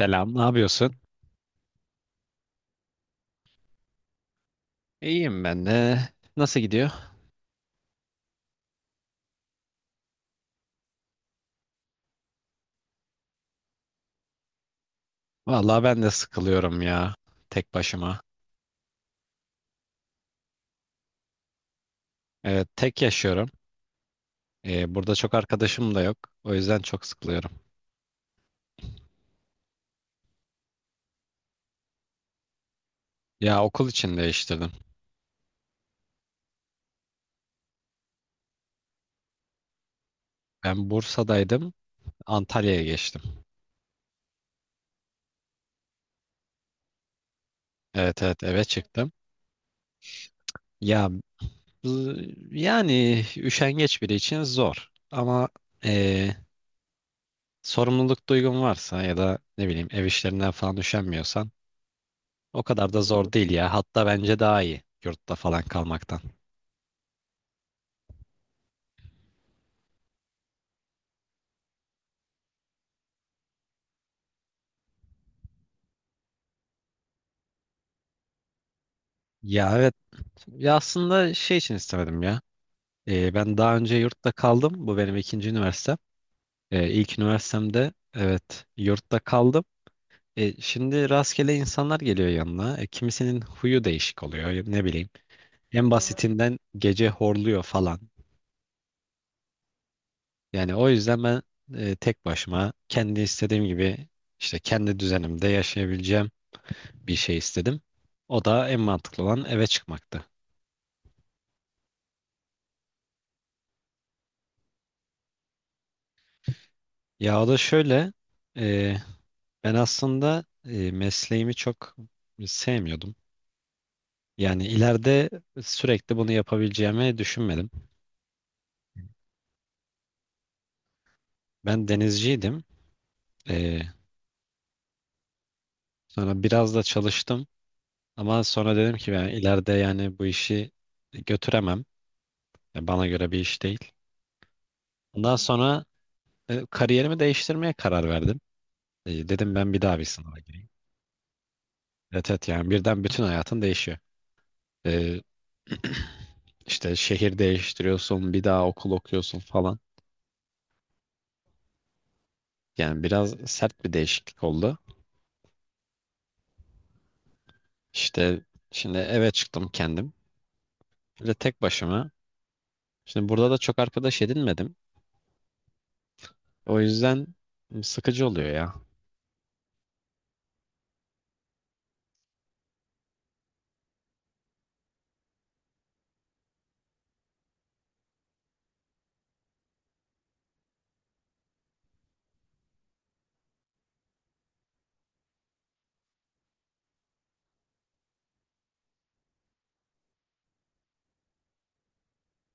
Selam, ne yapıyorsun? İyiyim ben de. Nasıl gidiyor? Vallahi ben de sıkılıyorum ya. Tek başıma. Evet, tek yaşıyorum. Burada çok arkadaşım da yok. O yüzden çok sıkılıyorum. Ya okul için değiştirdim. Ben Bursa'daydım. Antalya'ya geçtim. Evet, evet, eve çıktım. Ya bu- yani üşengeç biri için zor. Ama ee, sorumluluk duygun varsa ya da ne bileyim ev işlerinden falan üşenmiyorsan o kadar da zor değil ya. Hatta bence daha iyi yurtta falan kalmaktan. Ya evet. Ya aslında şey için istemedim ya. Ben daha önce yurtta kaldım. Bu benim ikinci üniversitem. İlk üniversitemde evet yurtta kaldım. Şimdi rastgele insanlar geliyor yanına. Kimisinin huyu değişik oluyor. Ya ne bileyim. En basitinden gece horluyor falan. Yani o yüzden ben tek başıma kendi istediğim gibi işte kendi düzenimde yaşayabileceğim bir şey istedim. O da en mantıklı olan eve çıkmaktı. Ya o da şöyle. Ben aslında mesleğimi çok sevmiyordum. Yani ileride sürekli bunu yapabileceğimi düşünmedim. Ben denizciydim. E, Sonra biraz da çalıştım. Ama sonra dedim ki ben ileride yani bu işi götüremem. Ya bana göre bir iş değil. Ondan sonra kariyerimi değiştirmeye karar verdim. Dedim ben bir daha bir sınava gireyim. Evet, evet, yani birden bütün hayatın değişiyor. E, işte şehir değiştiriyorsun, bir daha okul okuyorsun falan. Yani biraz sert bir değişiklik oldu. İşte şimdi eve çıktım kendim. Böyle tek başıma. Şimdi burada da çok arkadaş edinmedim. O yüzden sıkıcı oluyor ya.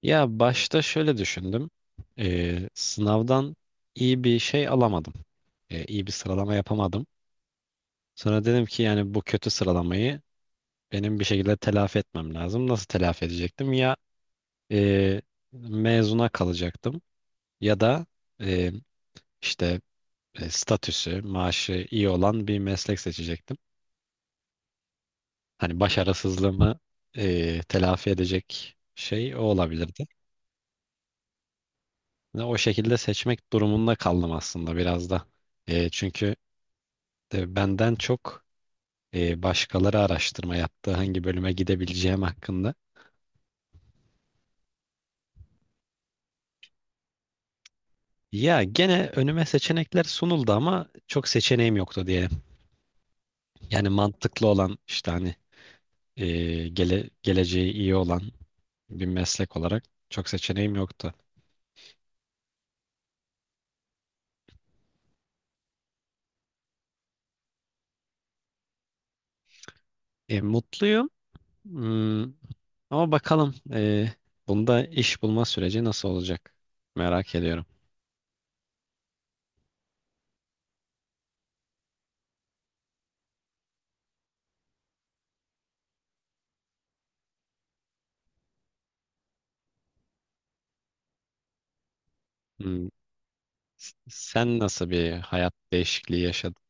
Ya başta şöyle düşündüm. Sınavdan iyi bir şey alamadım. İyi bir sıralama yapamadım. Sonra dedim ki yani bu kötü sıralamayı benim bir şekilde telafi etmem lazım. Nasıl telafi edecektim? Ya e, mezuna kalacaktım ya da e, işte statüsü, maaşı iyi olan bir meslek seçecektim. Hani başarısızlığımı telafi edecek şey o olabilirdi. Ve o şekilde seçmek durumunda kaldım aslında biraz da. Çünkü benden çok başkaları araştırma yaptı, hangi bölüme gidebileceğim hakkında. Ya gene önüme seçenekler sunuldu ama çok seçeneğim yoktu diyelim. Yani mantıklı olan işte hani geleceği iyi olan bir meslek olarak çok seçeneğim yoktu. Mutluyum. Hmm, ama bakalım bunda iş bulma süreci nasıl olacak? Merak ediyorum. Hmm, sen nasıl bir hayat değişikliği yaşadın?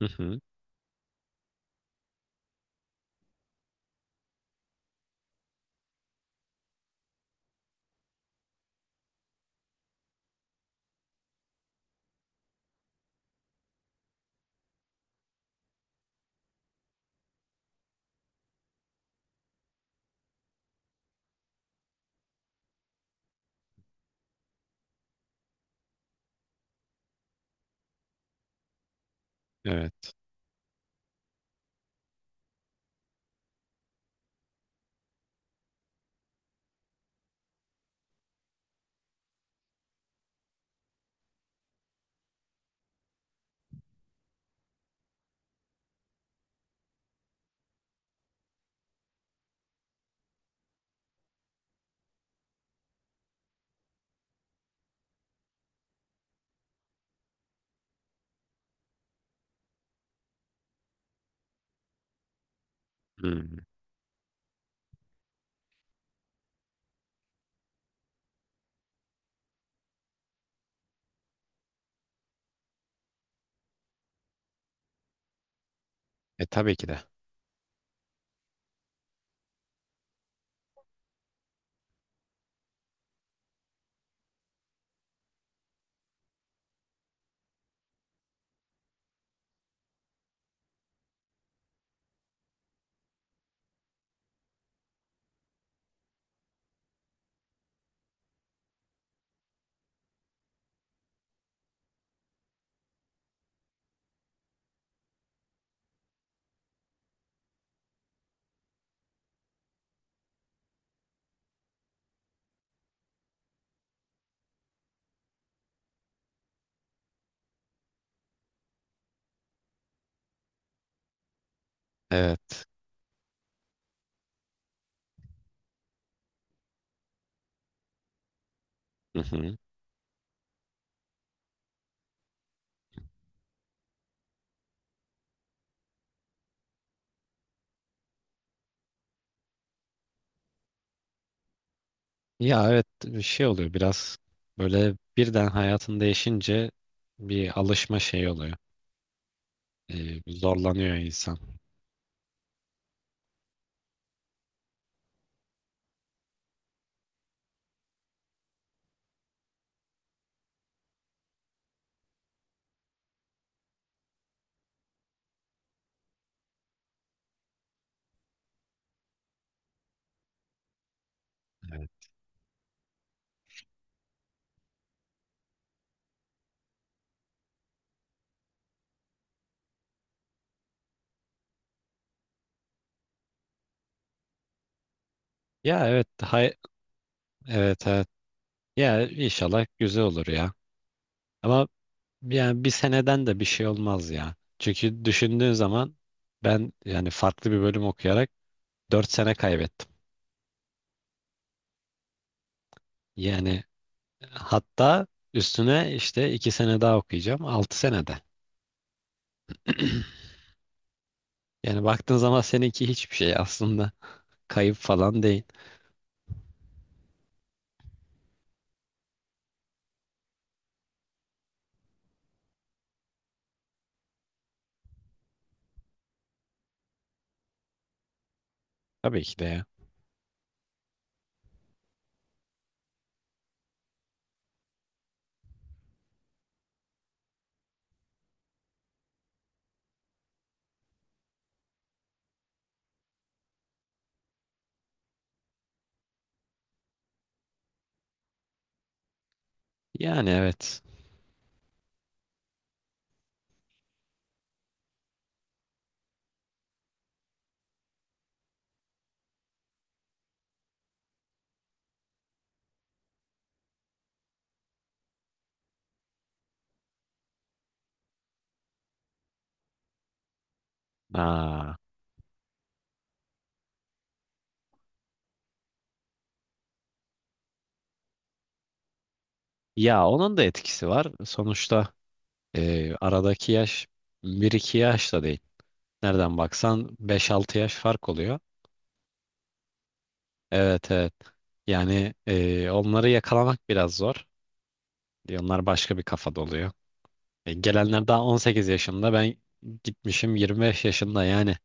Hı hı, evet. Hmm. E tabii ki de. Evet. Hı hı. Ya evet, bir şey oluyor biraz böyle birden hayatın değişince bir alışma şeyi oluyor. Zorlanıyor insan. Evet. Ya, evet, evet. Ya inşallah güzel olur ya. Ama yani bir seneden de bir şey olmaz ya. Çünkü düşündüğün zaman ben yani farklı bir bölüm okuyarak 4 sene kaybettim. Yani hatta üstüne işte 2 sene daha okuyacağım 6 senede. Yani baktığın zaman seninki hiçbir şey aslında kayıp falan değil. Tabii ki de ya. Yani evet. Aa. Ya onun da etkisi var. Sonuçta aradaki yaş bir iki yaş da değil. Nereden baksan beş altı yaş fark oluyor. Evet, evet. Yani onları yakalamak biraz zor. Onlar başka bir kafada oluyor. Gelenler daha 18 yaşında, ben gitmişim 25 yaşında, yani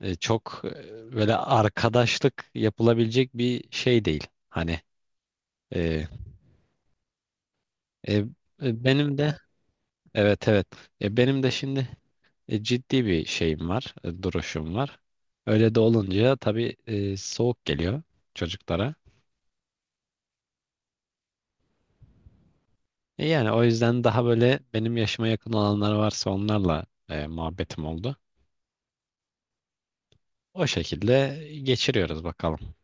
böyle arkadaşlık yapılabilecek bir şey değil. Hani e, e, benim de evet, evet, benim de şimdi ciddi bir şeyim var, duruşum var. Öyle de olunca tabii soğuk geliyor çocuklara. E yani o yüzden daha böyle benim yaşıma yakın olanlar varsa onlarla muhabbetim oldu. O şekilde geçiriyoruz bakalım.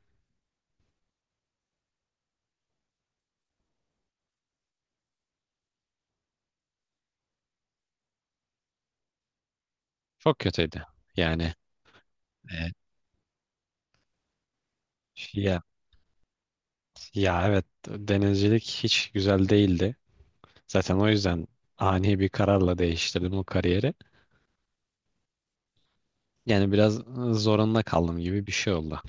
Çok kötüydü. Yani e, ya, ya evet, denizcilik hiç güzel değildi. Zaten o yüzden ani bir kararla değiştirdim o kariyeri. Yani biraz zorunda kaldım gibi bir şey oldu.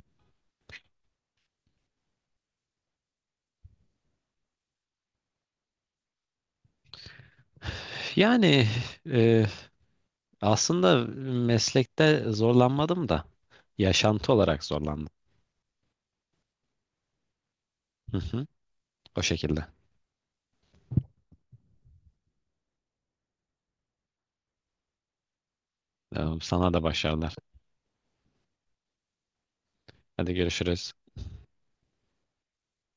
Yani e, aslında meslekte zorlanmadım da yaşantı olarak zorlandım. Hı hı, o şekilde. Sana da başarılar. Hadi görüşürüz.